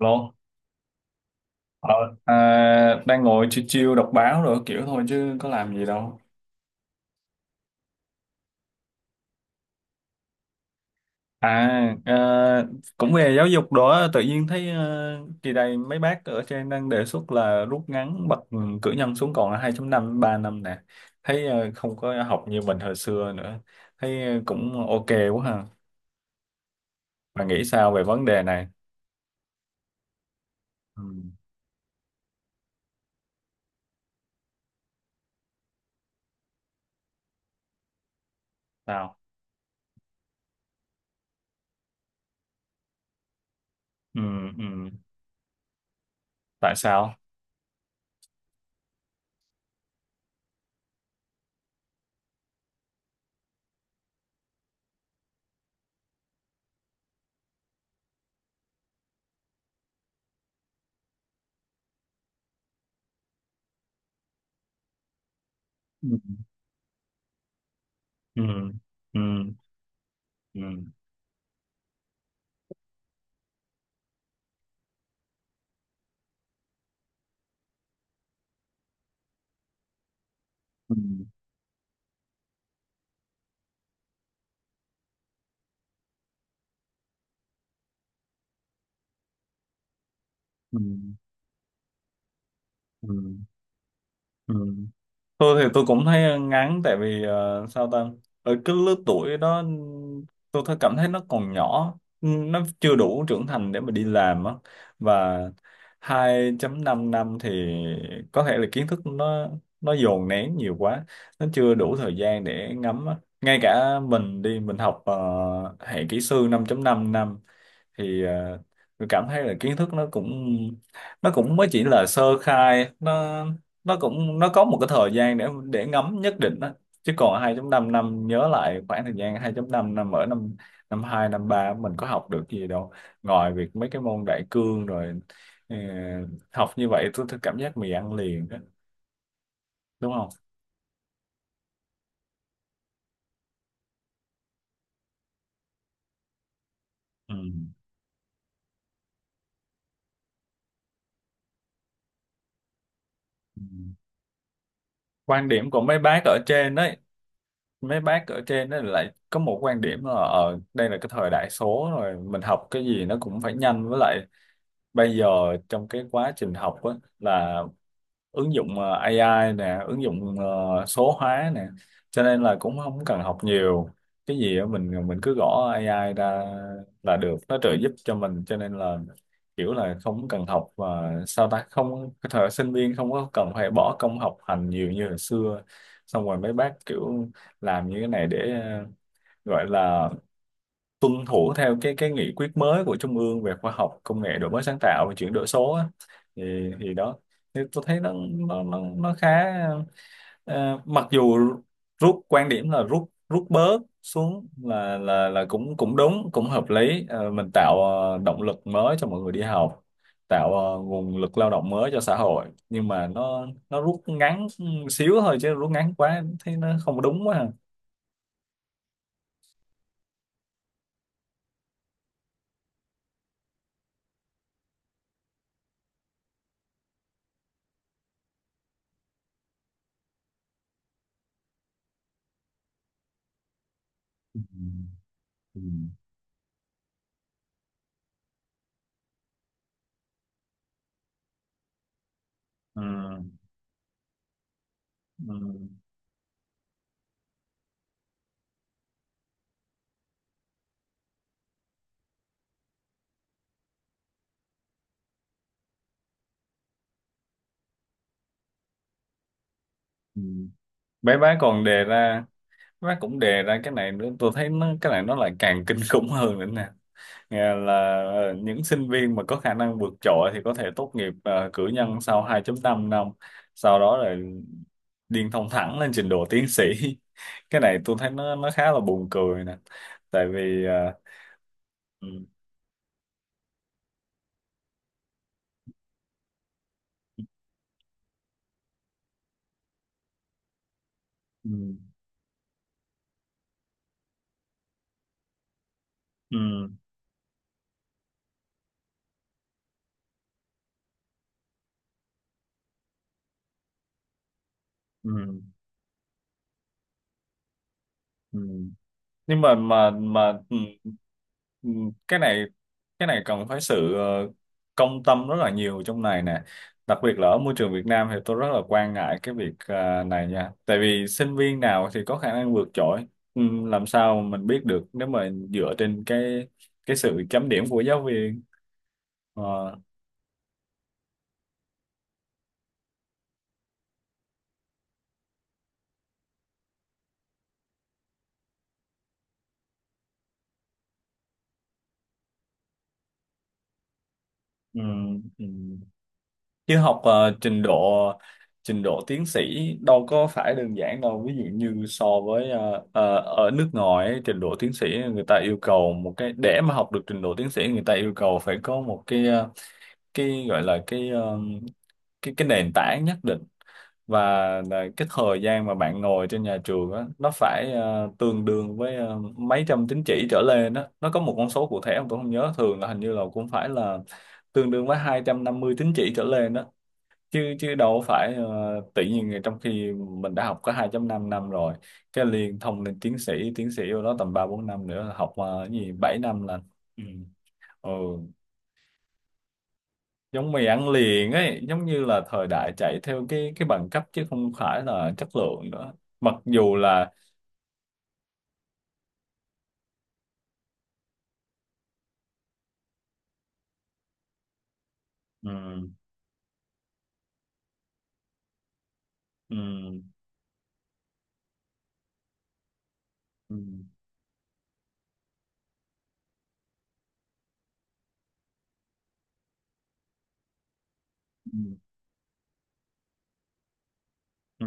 Lô, ờ, à, đang ngồi chill chill đọc báo rồi kiểu thôi chứ có làm gì đâu. À, cũng về giáo dục đó, tự nhiên thấy kỳ này mấy bác ở trên đang đề xuất là rút ngắn bậc cử nhân xuống còn là 2 năm 3 năm nè. Thấy không có học như mình hồi xưa nữa. Thấy cũng ok quá ha. Bạn nghĩ sao về vấn đề này? Ừ, sao? Ừ, ừ, tại sao? Ừ. Ừ. Ừ. Ừ. Ừ. Ừ. Ừ. Ừ. Tôi thì tôi cũng thấy ngán tại vì sao ta, ở cái lứa tuổi đó tôi cảm thấy nó còn nhỏ, nó chưa đủ trưởng thành để mà đi làm á. Và 2.5 năm năm thì có thể là kiến thức nó dồn nén nhiều quá, nó chưa đủ thời gian để ngắm á. Ngay cả mình đi mình học hệ kỹ sư 5.5 năm năm thì tôi cảm thấy là kiến thức nó cũng mới chỉ là sơ khai, nó có một cái thời gian để ngấm nhất định đó. Chứ còn 2.5 năm năm, nhớ lại khoảng thời gian 2.5 năm năm ở năm năm 2 năm 3 mình có học được gì đâu ngoài việc mấy cái môn đại cương rồi. ờ, Học như vậy tôi cảm giác mì ăn liền đó, đúng không? Ừ. Ừ. Quan điểm của mấy bác ở trên ấy lại có một quan điểm là đây là cái thời đại số rồi, mình học cái gì nó cũng phải nhanh, với lại bây giờ trong cái quá trình học á là ứng dụng AI nè, ứng dụng số hóa nè, cho nên là cũng không cần học nhiều. Cái gì á, mình cứ gõ AI ra là được, nó trợ giúp cho mình, cho nên là kiểu là không cần học và sao ta, không, cái thời sinh viên không có cần phải bỏ công học hành nhiều như hồi xưa. Xong rồi mấy bác kiểu làm như cái này để gọi là tuân thủ theo cái nghị quyết mới của Trung ương về khoa học công nghệ, đổi mới sáng tạo và chuyển đổi số á. thì thì đó, thì tôi thấy nó khá, mặc dù rút, quan điểm là rút rút bớt xuống là là cũng cũng đúng, cũng hợp lý. Ờ, mình tạo động lực mới cho mọi người đi học, tạo nguồn lực lao động mới cho xã hội, nhưng mà nó rút ngắn xíu thôi chứ rút ngắn quá thấy nó không đúng quá à. Ừ. Ừ. Ừ. Ừ. bé bá còn đề ra Bé bá cũng đề ra cái này nữa, tôi thấy nó, cái này nó lại càng kinh khủng hơn nữa nè. Nghe là những sinh viên mà có khả năng vượt trội thì có thể tốt nghiệp cử nhân sau 2.5 năm năm, sau đó là điên thông thẳng lên trình độ tiến sĩ. Cái này tôi thấy nó khá là buồn cười nè, tại vì Ừ. Ừ. Ừ. Ừ. Ừ. Nhưng mà ừ, cái này cái này cần phải sự công tâm rất là nhiều trong này nè, đặc biệt là ở môi trường Việt Nam thì tôi rất là quan ngại cái việc này nha, tại vì sinh viên nào thì có khả năng vượt trội, ừ, làm sao mà mình biết được nếu mà dựa trên cái sự chấm điểm của giáo viên. Ờ, ừ. Ừ. Chứ học trình độ tiến sĩ đâu có phải đơn giản đâu, ví dụ như so với ở nước ngoài ấy, trình độ tiến sĩ người ta yêu cầu một cái, để mà học được trình độ tiến sĩ người ta yêu cầu phải có một cái cái gọi là cái cái nền tảng nhất định, và là cái thời gian mà bạn ngồi trên nhà trường á nó phải tương đương với mấy trăm tín chỉ trở lên đó. Nó có một con số cụ thể mà tôi không nhớ, thường là hình như là cũng phải là tương đương với 250 tín chỉ trở lên đó. Chứ chứ đâu phải tự nhiên trong khi mình đã học có 2.5 năm rồi, cái liền thông lên tiến sĩ vô đó tầm 3 4 năm nữa, học cái gì 7 năm là Ừ. Ừ. Giống mì ăn liền ấy, giống như là thời đại chạy theo cái bằng cấp chứ không phải là chất lượng nữa, mặc dù là Ừ. Ừ. Ừ. Ừ. Ừ.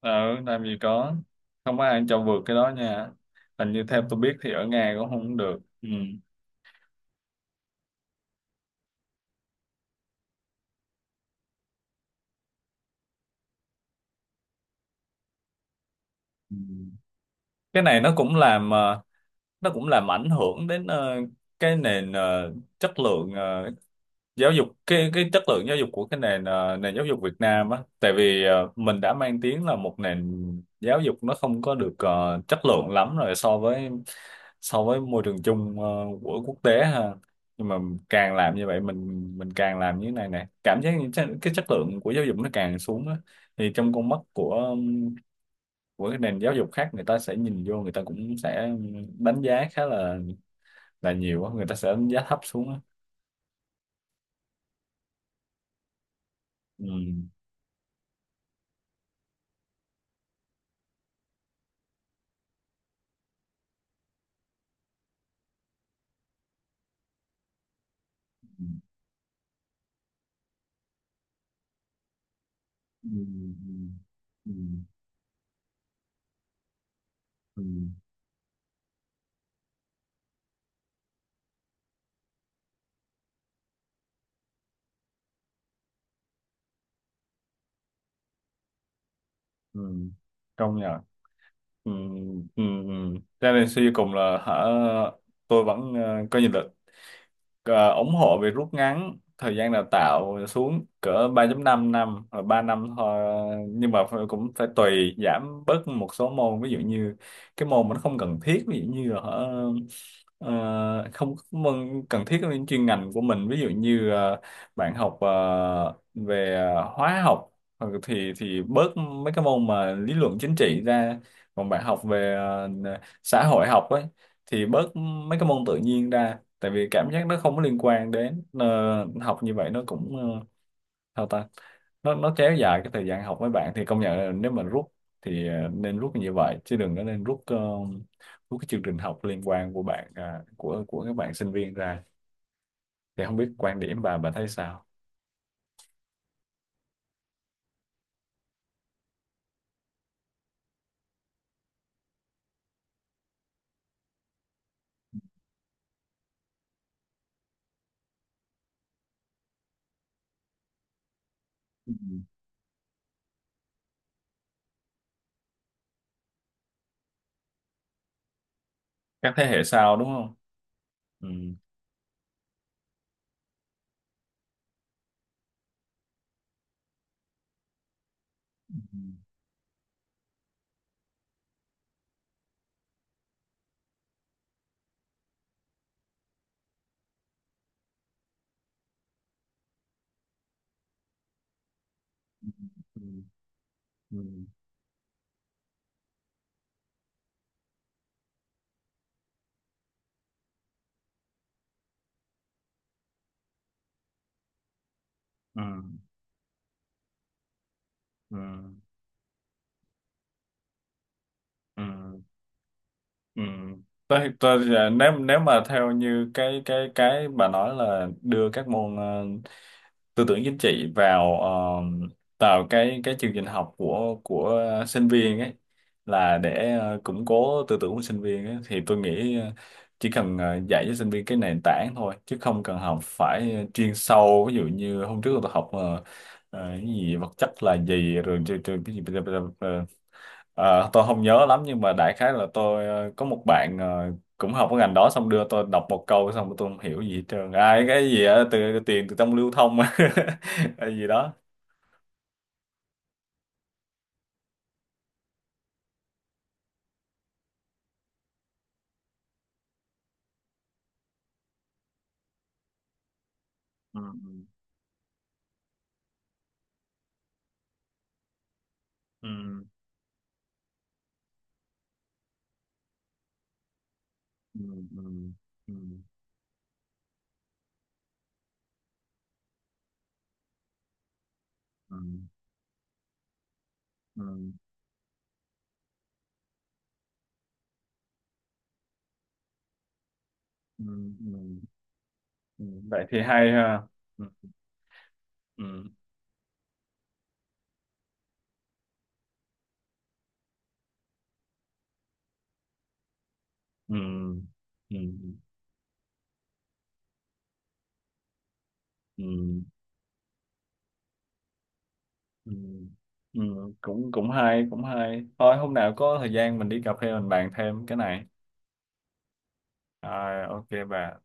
Ừ. Làm gì có, không có ai cho vượt cái đó nha, hình như theo tôi biết thì ở Nga cũng không được. Ừ. Ừ. Cái này nó cũng làm nó cũng làm ảnh hưởng đến cái nền chất lượng, giáo dục, cái chất lượng giáo dục của cái nền nền giáo dục Việt Nam á, tại vì mình đã mang tiếng là một nền giáo dục nó không có được chất lượng lắm rồi, so với môi trường chung của quốc tế ha, nhưng mà càng làm như vậy mình càng làm như thế này nè, cảm giác như cái chất lượng của giáo dục nó càng xuống á. Thì trong con mắt của cái nền giáo dục khác, người ta sẽ nhìn vô, người ta cũng sẽ đánh giá khá là nhiều quá, người ta sẽ đánh giá thấp xuống á. Ừ. Ừ. Ừ. Ừ. Ừ. Ừ. Công nhận. Ừ. Ừ. Ừ. Cho nên suy cho cùng là hả, tôi vẫn có nhìn được, ủng hộ việc rút ngắn thời gian đào tạo xuống cỡ ba 5 năm năm hoặc 3 năm thôi, nhưng mà cũng phải tùy giảm bớt một số môn, ví dụ như cái môn mà nó không cần thiết, ví dụ như là không có môn cần thiết với chuyên ngành của mình, ví dụ như bạn học về hóa học, thì bớt mấy cái môn mà lý luận chính trị ra. Còn bạn học về xã hội học ấy thì bớt mấy cái môn tự nhiên ra, tại vì cảm giác nó không có liên quan đến học như vậy nó cũng sao ta, nó kéo dài cái thời gian học mấy bạn. Thì công nhận là nếu mà rút thì nên rút như vậy chứ đừng có nên rút rút cái chương trình học liên quan của bạn, à, của các bạn sinh viên ra. Thì không biết quan điểm bà thấy sao? Ừ. Các thế hệ sau đúng không? Ừ. Ừ. Ừ. Ừ. Ừ. Ừ. Ừ. Ừ. Tôi, nếu nếu mà theo như cái bà nói là đưa các môn tư tưởng chính trị vào vào cái chương trình học của sinh viên ấy, là để củng cố tư tưởng của sinh viên ấy, thì tôi nghĩ chỉ cần dạy cho sinh viên cái nền tảng thôi chứ không cần học phải chuyên sâu. Ví dụ như hôm trước tôi học cái gì vật chất là gì, rồi cho cái gì, ờ, tôi không nhớ lắm, nhưng mà đại khái là tôi có một bạn cũng học cái ngành đó, xong đưa tôi đọc một câu xong tôi không hiểu gì hết trơn, ai cái gì á, từ tiền từ trong lưu thông hay gì đó. Ừ. Ừ. Ừ. Ừ. Ừ. Ừ. Ừ. Ừ. Ừ. Ừ. Ừ. Vậy thì hay ha. Ừ. Ừ. Ừ. Ừ. Ừ. Ừ. Ừ. cũng cũng hay Cũng hay thôi, hôm nào có thời gian mình đi cà phê mình bàn thêm cái này. À, ok bà.